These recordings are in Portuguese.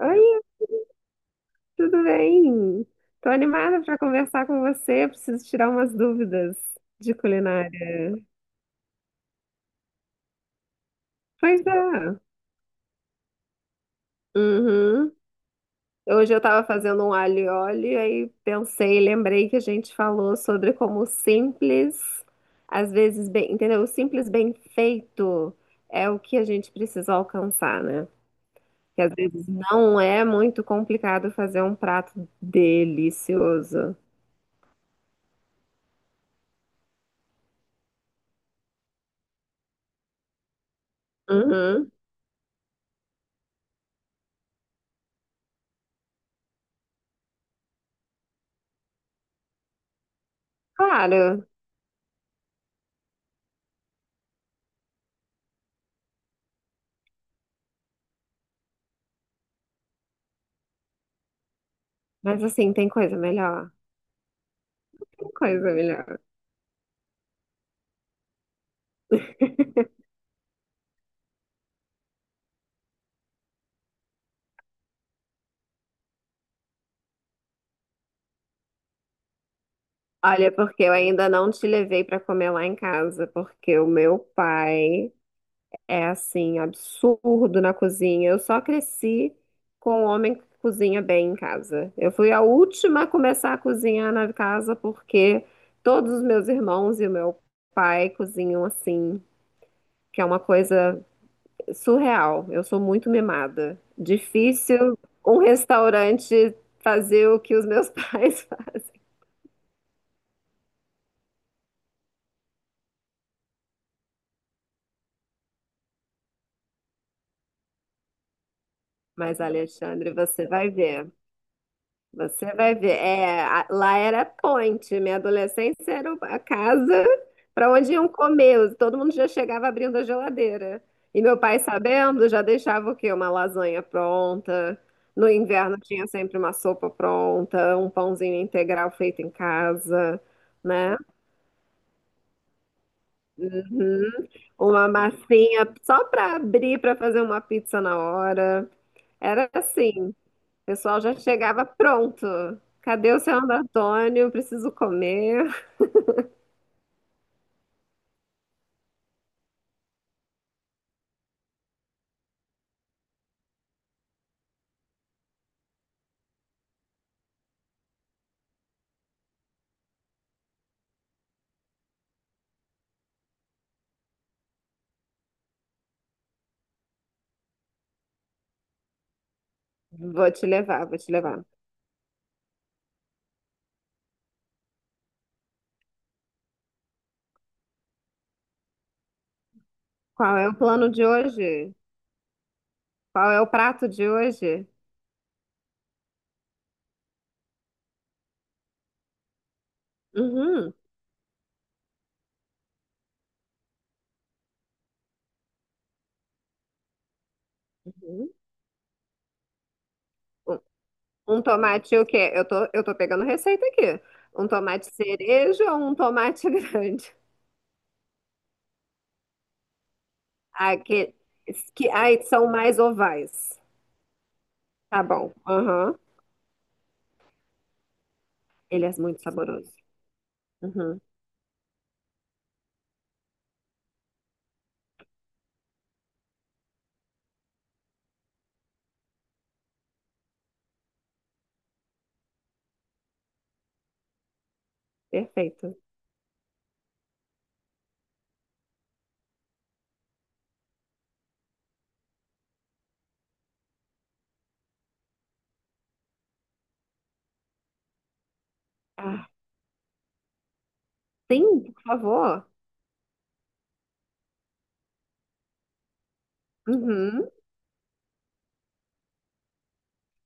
Oi, tudo bem? Tô animada para conversar com você. Preciso tirar umas dúvidas de culinária. Pois é. Uhum. Hoje eu estava fazendo um alho e óleo, aí pensei, lembrei que a gente falou sobre como o simples, às vezes bem, entendeu? O simples bem feito é o que a gente precisa alcançar, né? Que às vezes não é muito complicado fazer um prato delicioso. Uhum. Claro, mas assim, tem coisa melhor. Coisa melhor. Olha, porque eu ainda não te levei para comer lá em casa, porque o meu pai é assim, absurdo na cozinha. Eu só cresci com um homem que cozinha bem em casa. Eu fui a última a começar a cozinhar na casa, porque todos os meus irmãos e o meu pai cozinham assim, que é uma coisa surreal. Eu sou muito mimada. Difícil um restaurante fazer o que os meus pais fazem. Mas, Alexandre, você vai ver. Você vai ver. É, lá era ponte. Minha adolescência era a casa para onde iam comer. Todo mundo já chegava abrindo a geladeira. E meu pai, sabendo, já deixava o quê? Uma lasanha pronta. No inverno tinha sempre uma sopa pronta, um pãozinho integral feito em casa, né? Uhum. Uma massinha só para abrir, para fazer uma pizza na hora. Era assim. O pessoal já chegava pronto. Cadê o seu Antônio? Preciso comer. Vou te levar, vou te levar. Qual é o plano de hoje? Qual é o prato de hoje? Uhum, uhum. Um um tomate o quê? Eu tô pegando receita aqui. Um tomate cereja ou um tomate grande? Ah, ai, são mais ovais. Tá bom. Aham. Ele é muito saboroso. Uhum. Perfeito. Ah, sim, por favor. Uhum.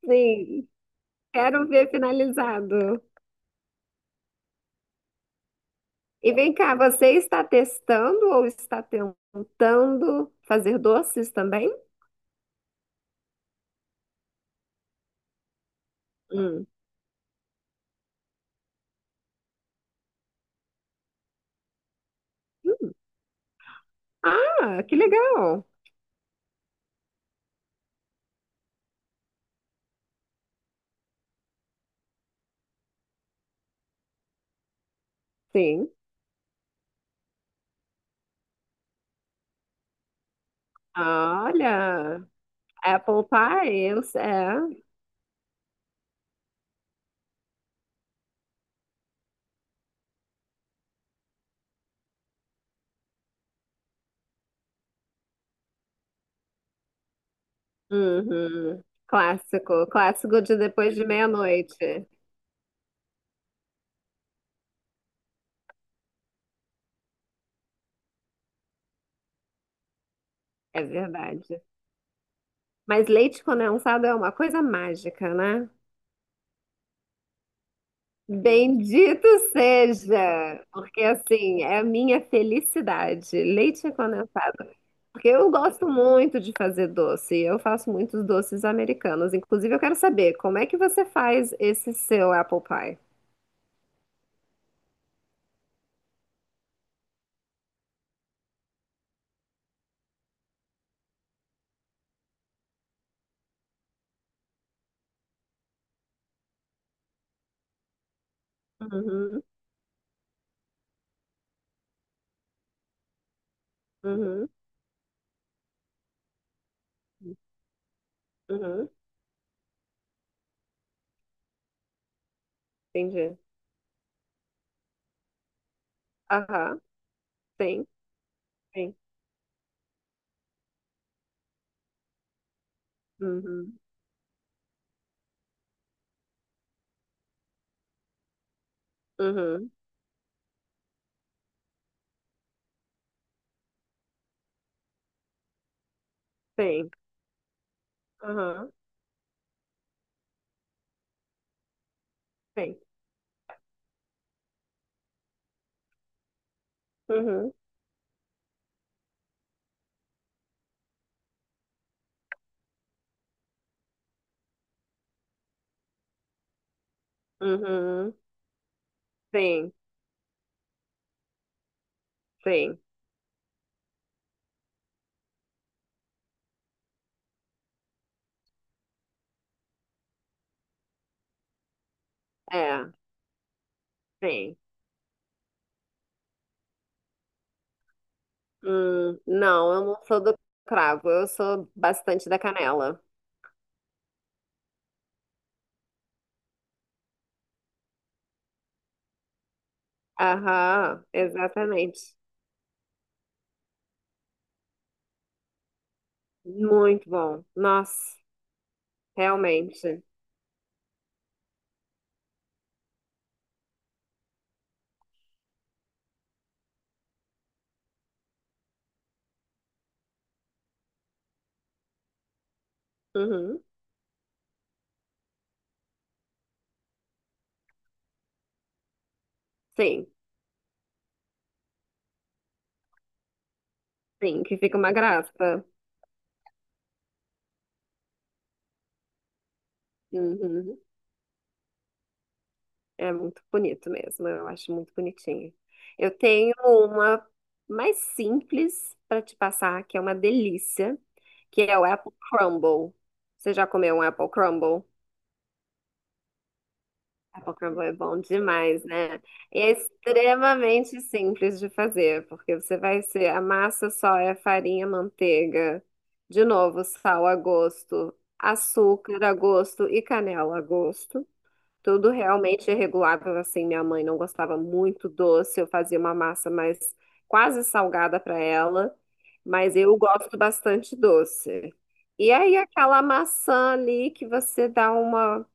Sim. Quero ver finalizado. E vem cá, você está testando ou está tentando fazer doces também? Hum. Hum. Ah, que legal. Sim. Olha, Apple Pie, eu, é. Uhum. Clássico, clássico de depois de meia-noite. É verdade. Mas leite condensado é uma coisa mágica, né? Bendito seja, porque assim é a minha felicidade, leite condensado. Porque eu gosto muito de fazer doce, eu faço muitos doces americanos. Inclusive, eu quero saber como é que você faz esse seu apple pie. Uhum, uhum, uhum, entendi. Aham, sim, sim. Uhum, uhum, sim. Aham, sim. Uhum, uhum, sim, sim. É, sim. Não, eu não sou do cravo, eu sou bastante da canela. Aham, exatamente. Muito bom. Nossa, realmente. Uhum, sim, sim, que fica uma graça. Uhum, é muito bonito mesmo, eu acho muito bonitinho. Eu tenho uma mais simples para te passar, que é uma delícia, que é o Apple Crumble. Você já comeu um Apple Crumble? Pokéball é bom demais, né? E é extremamente simples de fazer, porque você vai ser, a massa só é farinha, manteiga, de novo, sal a gosto, açúcar a gosto e canela a gosto. Tudo realmente é regulável, assim, minha mãe não gostava muito doce, eu fazia uma massa mais quase salgada para ela, mas eu gosto bastante doce. E aí aquela maçã ali que você dá uma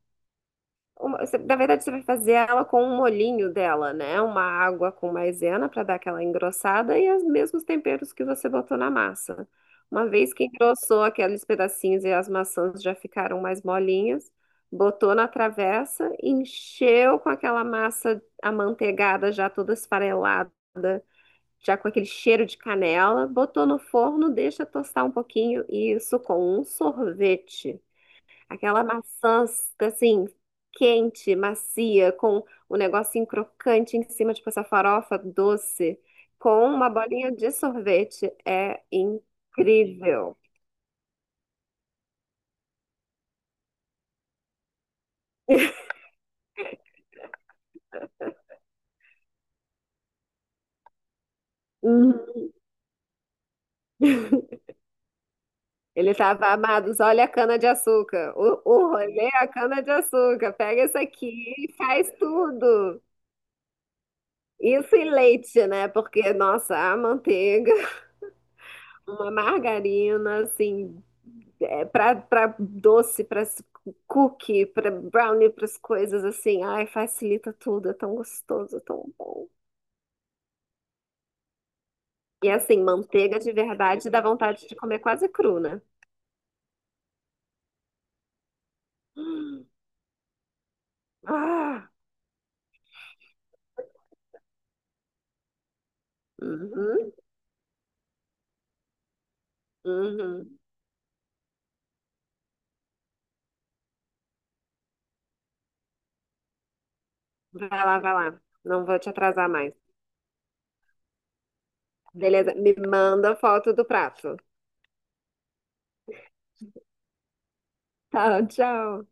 uma- você- na verdade, você vai fazer ela com um molhinho dela, né? Uma água com maisena para dar aquela engrossada e os mesmos temperos que você botou na massa. Uma vez que engrossou aqueles pedacinhos e as maçãs já ficaram mais molinhas, botou na travessa, encheu com aquela massa amanteigada já toda esfarelada, já com aquele cheiro de canela, botou no forno, deixa tostar um pouquinho e isso com um sorvete. Aquela maçã, assim, quente, macia, com o negocinho crocante em cima, tipo essa farofa doce, com uma bolinha de sorvete. É incrível. Uhum. Ele estava, amados, olha a cana-de-açúcar. O rolê é a cana-de-açúcar. Pega isso aqui e faz tudo. Isso e leite, né? Porque, nossa, a manteiga. Uma margarina, assim, é, para doce, para cookie, para brownie, para as coisas assim. Ai, facilita tudo, é tão gostoso, é tão bom. E assim, manteiga de verdade dá vontade de comer quase cru, né? Ah, uhum, uhum. Vai lá, vai lá. Não vou te atrasar mais. Beleza, me manda foto do prato. Tá, tchau.